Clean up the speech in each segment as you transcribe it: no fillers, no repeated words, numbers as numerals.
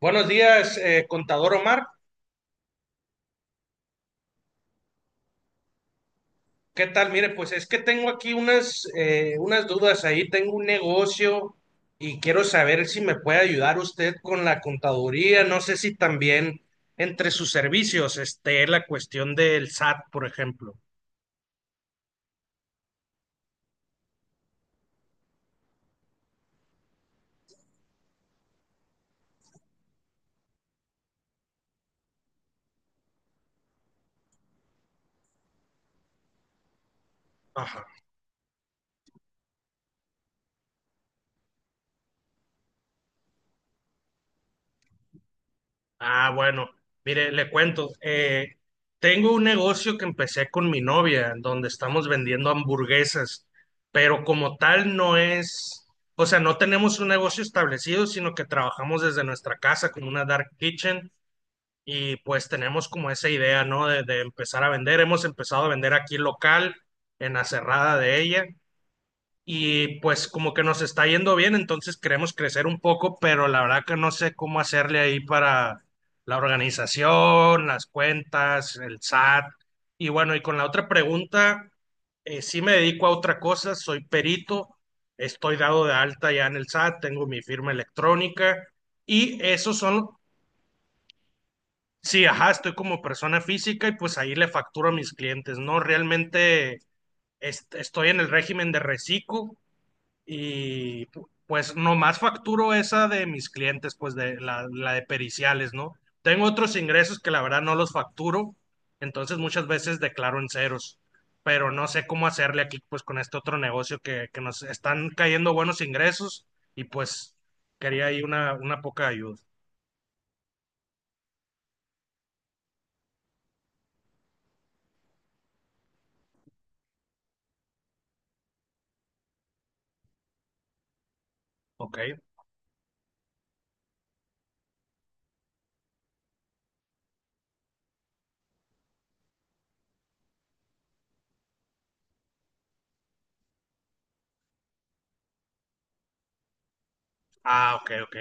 Buenos días, contador Omar. ¿Qué tal? Mire, pues es que tengo aquí unas, unas dudas ahí. Tengo un negocio y quiero saber si me puede ayudar usted con la contaduría. No sé si también entre sus servicios esté la cuestión del SAT, por ejemplo. Ajá. Ah, bueno, mire, le cuento, tengo un negocio que empecé con mi novia, donde estamos vendiendo hamburguesas, pero como tal no es, o sea, no tenemos un negocio establecido, sino que trabajamos desde nuestra casa con una dark kitchen y pues tenemos como esa idea, ¿no? De empezar a vender. Hemos empezado a vender aquí local, en la cerrada de ella y pues como que nos está yendo bien, entonces queremos crecer un poco, pero la verdad que no sé cómo hacerle ahí para la organización, las cuentas, el SAT. Y bueno, y con la otra pregunta, sí me dedico a otra cosa, soy perito, estoy dado de alta ya en el SAT, tengo mi firma electrónica y esos son, sí, ajá, estoy como persona física y pues ahí le facturo a mis clientes, ¿no? Realmente estoy en el régimen de reciclo y pues nomás facturo esa de mis clientes, pues de la, la de periciales, ¿no? Tengo otros ingresos que la verdad no los facturo, entonces muchas veces declaro en ceros, pero no sé cómo hacerle aquí pues con este otro negocio que nos están cayendo buenos ingresos y pues quería ahí una poca ayuda, ¿ok? Ah, ok, ok.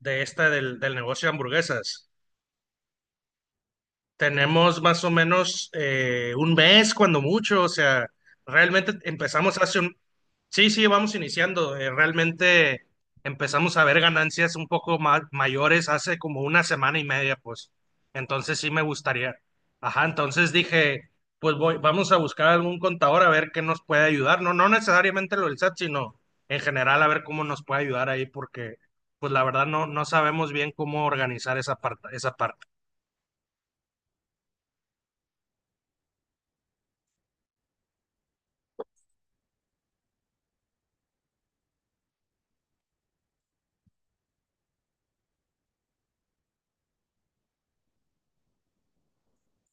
De esta del, del negocio de hamburguesas. Tenemos más o menos un mes, cuando mucho, o sea, realmente empezamos hace un... Sí, sí, vamos iniciando, realmente empezamos a ver ganancias un poco más mayores hace como una semana y media, pues, entonces sí me gustaría. Ajá, entonces dije, pues voy, vamos a buscar algún contador a ver qué nos puede ayudar, no, no necesariamente lo del SAT, sino en general a ver cómo nos puede ayudar ahí, porque pues la verdad no, no sabemos bien cómo organizar esa parte, esa parte.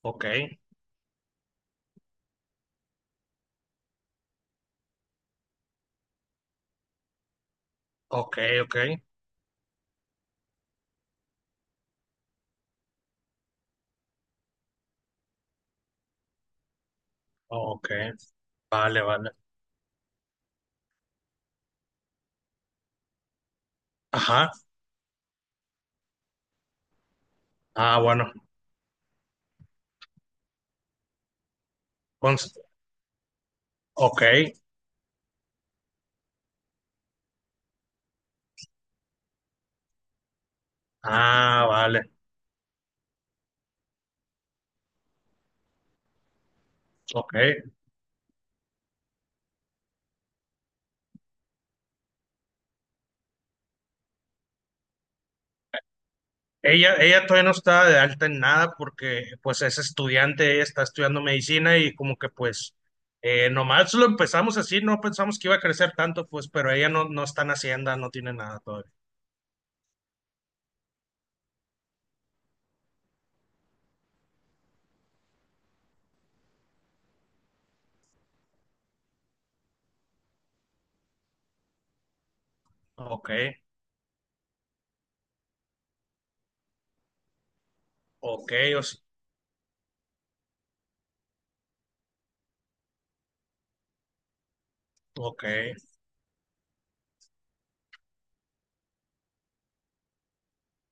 Ok. Ok, ok, ok. Vale, vale. Ajá. Ah, bueno. Cons- Ok. Ah, vale. Ok. Ella todavía no está de alta en nada porque pues es estudiante, ella está estudiando medicina y como que pues nomás lo empezamos así, no pensamos que iba a crecer tanto, pues, pero ella no, no está en Hacienda, no tiene nada todavía. Ok, ok, o s- ok.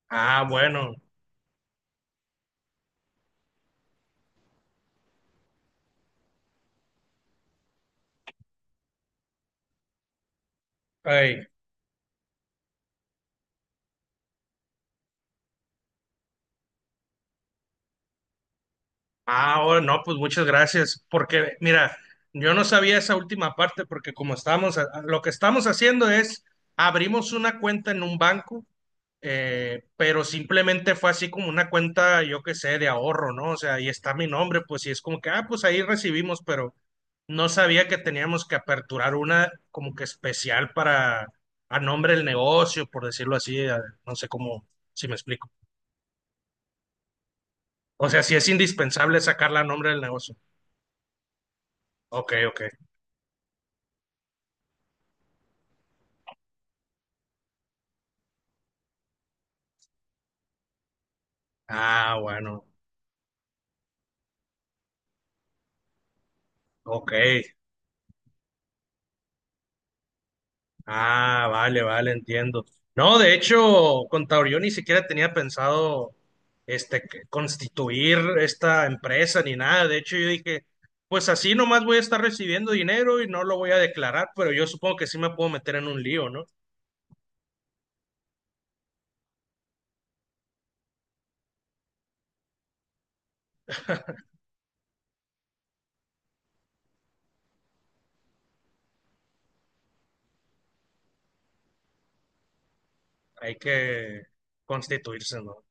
Ah, bueno. Ey. Ah, oh, no, pues muchas gracias, porque mira, yo no sabía esa última parte, porque como estamos, lo que estamos haciendo es, abrimos una cuenta en un banco, pero simplemente fue así como una cuenta, yo qué sé, de ahorro, ¿no? O sea, ahí está mi nombre, pues y es como que, ah, pues ahí recibimos, pero no sabía que teníamos que aperturar una como que especial para, a nombre del negocio, por decirlo así, a- no sé cómo, si me explico. O sea, si es indispensable sacarla a nombre del negocio. Ok, ok. Ah, bueno, ok. Ah, vale, vale, entiendo. No, de hecho, contador, yo ni siquiera tenía pensado este, que- constituir esta empresa ni nada. De hecho, yo dije, pues así nomás voy a estar recibiendo dinero y no lo voy a declarar, pero yo supongo que sí me puedo meter en un lío, ¿no? Hay que constituirse, ¿no?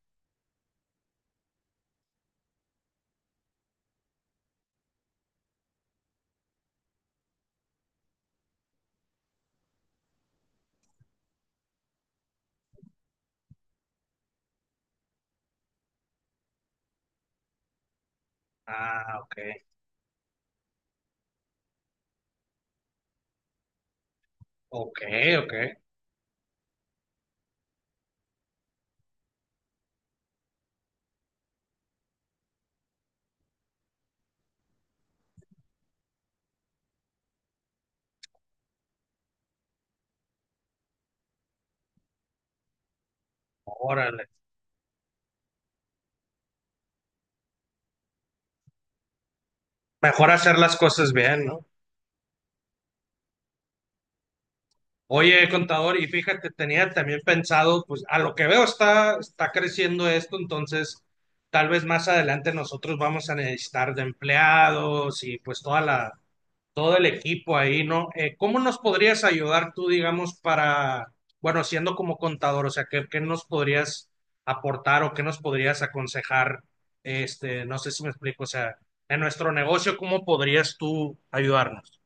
Ah, ok, ok, ok. Órale. Mejor hacer las cosas bien, ¿no? Oye, contador, y fíjate, tenía también pensado, pues a lo que veo está, está creciendo esto, entonces tal vez más adelante nosotros vamos a necesitar de empleados y pues toda la, todo el equipo ahí, ¿no? ¿Cómo nos podrías ayudar tú, digamos, para, bueno, siendo como contador, o sea, ¿qué, qué nos podrías aportar o qué nos podrías aconsejar? Este, no sé si me explico, o sea, en nuestro negocio, ¿cómo podrías tú ayudarnos?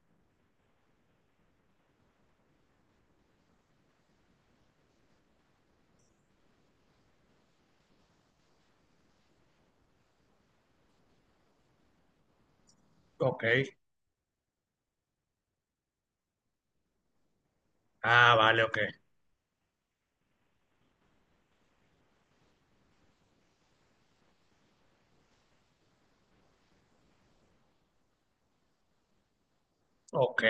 Ok. Ah, vale, ok. Ok.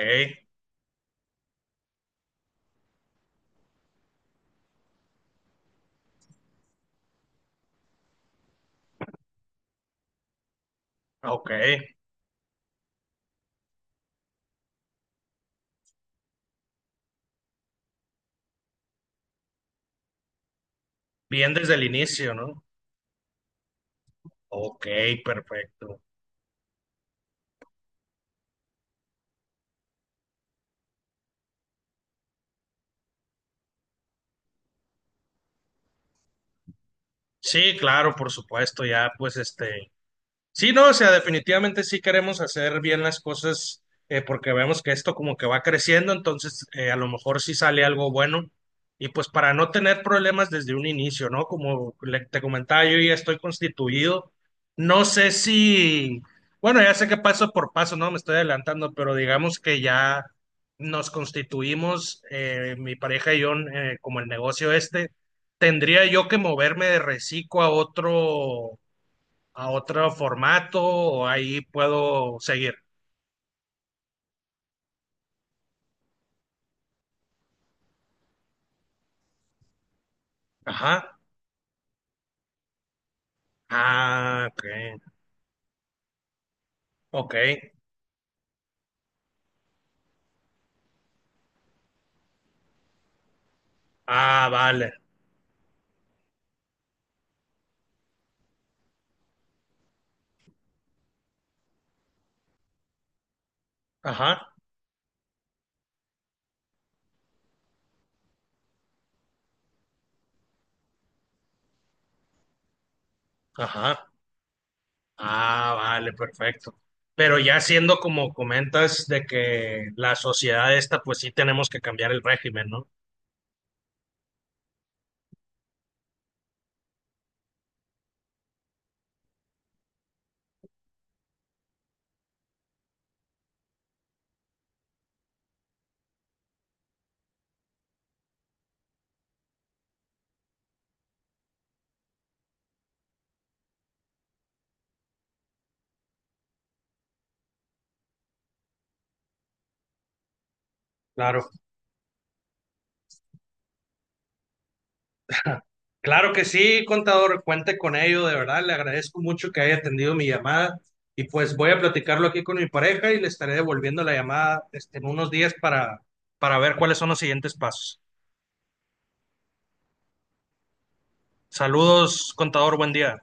Ok, bien desde el inicio, ¿no? Ok, perfecto. Sí, claro, por supuesto, ya pues este. Sí, no, o sea, definitivamente sí queremos hacer bien las cosas porque vemos que esto como que va creciendo, entonces a lo mejor sí sale algo bueno. Y pues para no tener problemas desde un inicio, ¿no? Como te comentaba, yo ya estoy constituido. No sé si, bueno, ya sé que paso por paso, ¿no? Me estoy adelantando, pero digamos que ya nos constituimos, mi pareja y yo, como el negocio este. Tendría yo que moverme de Recico a otro formato o ahí puedo seguir. Ajá. Ah, ok. Ok. Ah, vale. Ajá. Ajá. Ah, vale, perfecto. Pero ya siendo como comentas de que la sociedad esta, pues sí tenemos que cambiar el régimen, ¿no? Claro. Claro que sí, contador, cuente con ello, de verdad, le agradezco mucho que haya atendido mi llamada y pues voy a platicarlo aquí con mi pareja y le estaré devolviendo la llamada este, en unos días para ver cuáles son los siguientes pasos. Saludos, contador, buen día.